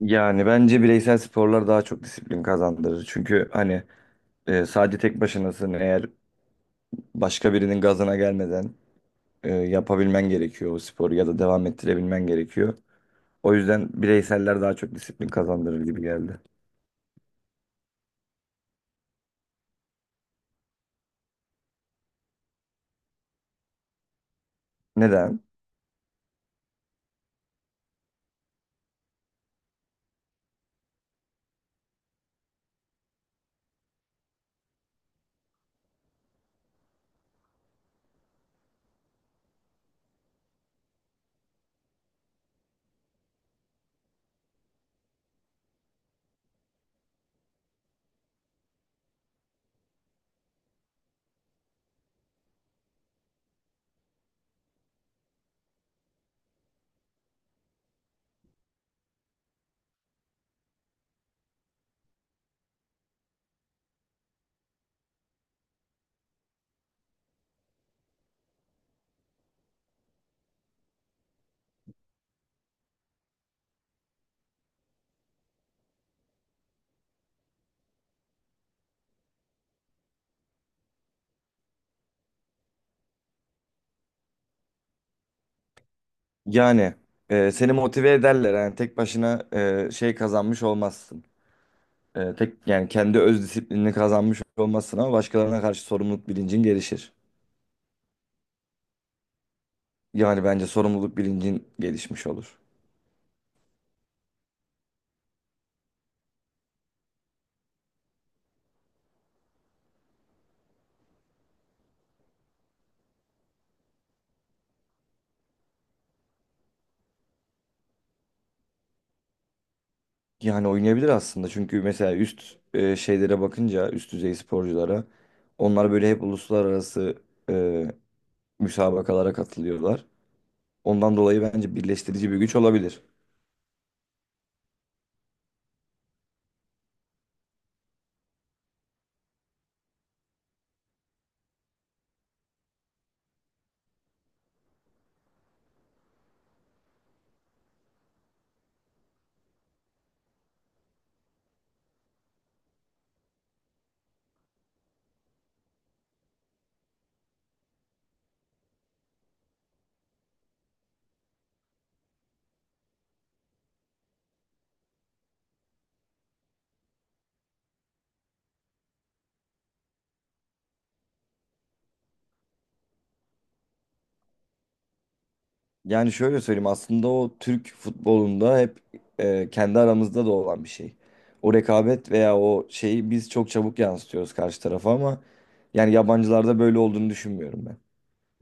Yani bence bireysel sporlar daha çok disiplin kazandırır. Çünkü hani sadece tek başınasın. Eğer başka birinin gazına gelmeden yapabilmen gerekiyor o sporu ya da devam ettirebilmen gerekiyor. O yüzden bireyseller daha çok disiplin kazandırır gibi geldi. Neden? Yani seni motive ederler. Yani tek başına şey kazanmış olmazsın. Tek yani kendi öz disiplinini kazanmış olmazsın ama başkalarına karşı sorumluluk bilincin gelişir. Yani bence sorumluluk bilincin gelişmiş olur. Yani oynayabilir aslında çünkü mesela üst şeylere bakınca üst düzey sporculara onlar böyle hep uluslararası e, müsabakalara katılıyorlar. Ondan dolayı bence birleştirici bir güç olabilir. Yani şöyle söyleyeyim, aslında o Türk futbolunda hep kendi aramızda da olan bir şey. O rekabet veya o şeyi biz çok çabuk yansıtıyoruz karşı tarafa, ama yani yabancılarda böyle olduğunu düşünmüyorum ben.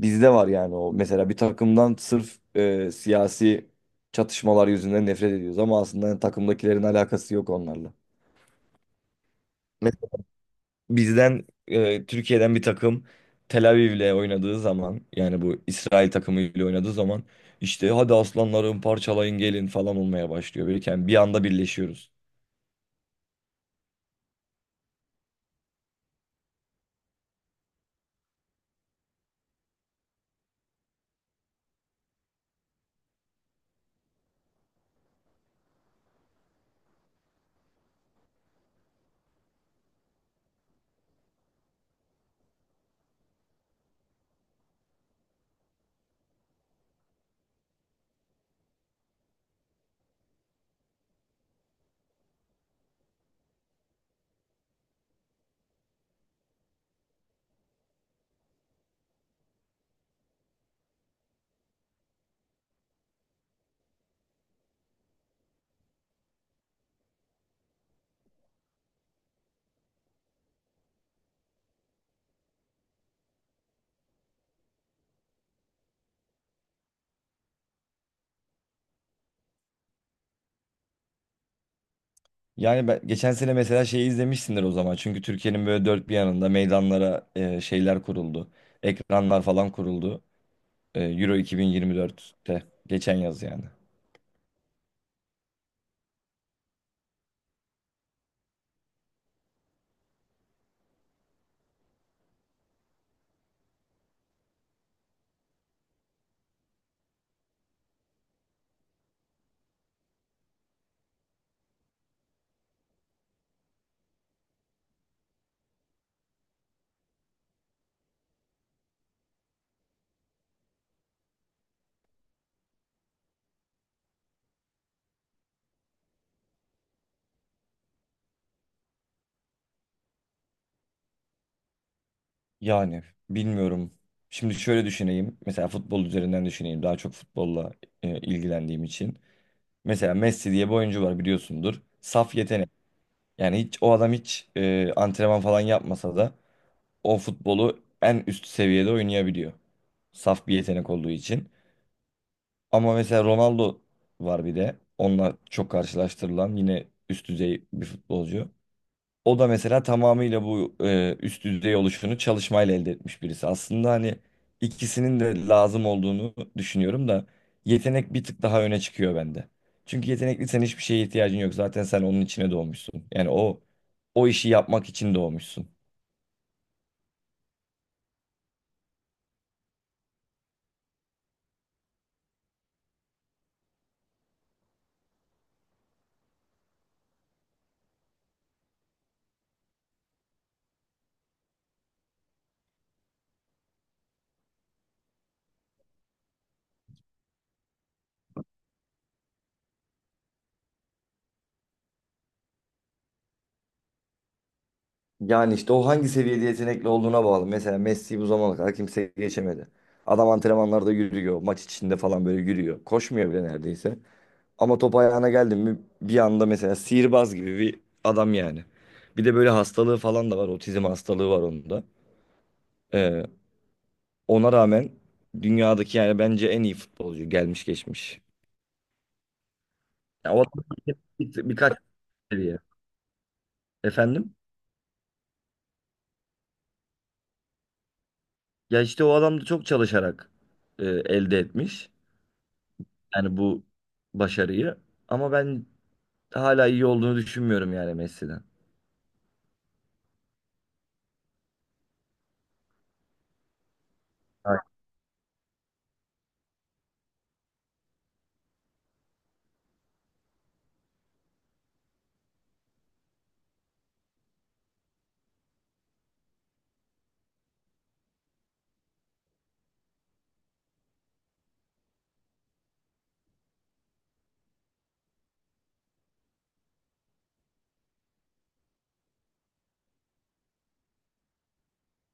Bizde var yani o, mesela bir takımdan sırf siyasi çatışmalar yüzünden nefret ediyoruz, ama aslında takımdakilerin alakası yok onlarla. Me- Bizden Türkiye'den bir takım Tel Aviv'le oynadığı zaman, yani bu İsrail takımıyla oynadığı zaman, işte hadi aslanlarım parçalayın gelin falan olmaya başlıyor. Birken bir anda birleşiyoruz. Yani ben geçen sene mesela şeyi izlemişsindir o zaman. Çünkü Türkiye'nin böyle dört bir yanında meydanlara şeyler kuruldu. Ekranlar falan kuruldu. Euro 2024'te. Geçen yaz yani. Yani bilmiyorum. Şimdi şöyle düşüneyim. Mesela futbol üzerinden düşüneyim. Daha çok futbolla ilgilendiğim için. Mesela Messi diye bir oyuncu var, biliyorsundur. Saf yetenek. Yani hiç o adam hiç antrenman falan yapmasa da o futbolu en üst seviyede oynayabiliyor. Saf bir yetenek olduğu için. Ama mesela Ronaldo var bir de. Onunla çok karşılaştırılan yine üst düzey bir futbolcu. O da mesela tamamıyla bu üst düzey oluşunu çalışmayla elde etmiş birisi. Aslında hani ikisinin de lazım olduğunu düşünüyorum da yetenek bir tık daha öne çıkıyor bende. Çünkü yetenekliysen hiçbir şeye ihtiyacın yok. Zaten sen onun içine doğmuşsun. Yani o işi yapmak için doğmuşsun. Yani işte o hangi seviyede yetenekli olduğuna bağlı. Mesela Messi bu zamana kadar kimse geçemedi. Adam antrenmanlarda yürüyor, maç içinde falan böyle yürüyor. Koşmuyor bile neredeyse. Ama top ayağına geldi mi bir anda mesela sihirbaz gibi bir adam yani. Bir de böyle hastalığı falan da var. Otizm hastalığı var onun da. Ee, Ona rağmen dünyadaki yani bence en iyi futbolcu gelmiş geçmiş. Ya o adam birkaç seviye. Efendim? Ya işte o adam da çok çalışarak elde etmiş. Yani bu başarıyı. Ama ben hala iyi olduğunu düşünmüyorum yani Messi'den. A-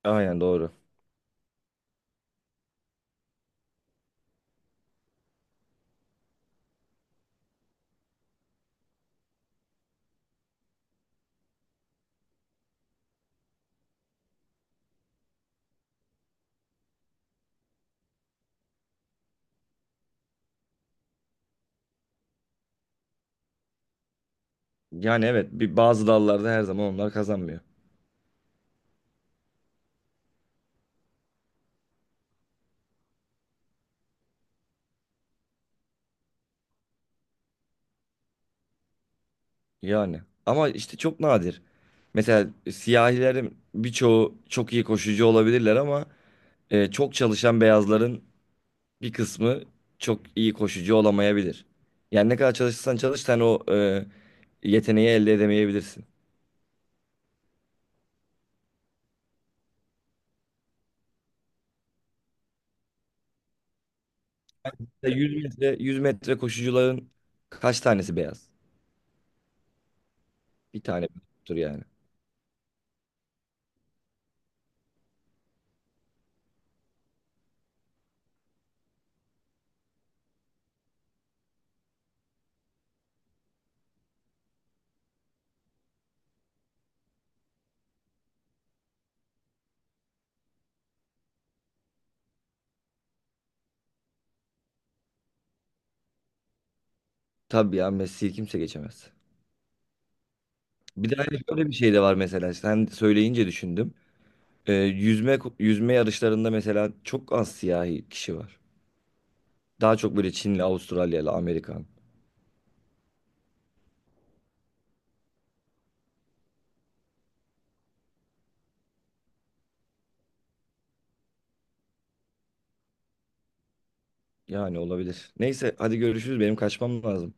Aynen doğru. Yani evet bir bazı dallarda her zaman onlar kazanmıyor. Yani ama işte çok nadir. Mesela siyahilerin birçoğu çok iyi koşucu olabilirler ama çok çalışan beyazların bir kısmı çok iyi koşucu olamayabilir. Yani ne kadar çalışırsan çalış, sen o yeteneği elde edemeyebilirsin. Mesela 100 metre koşucuların kaç tanesi beyaz? Bir tane tur yani. Tabii ya, Messi'yi kimse geçemez. Bir de hani şöyle bir şey de var, mesela sen söyleyince düşündüm. Yüzme yarışlarında mesela çok az siyahi kişi var. Daha çok böyle Çinli, Avustralyalı, Amerikan. Yani olabilir. Neyse hadi görüşürüz. Benim kaçmam lazım.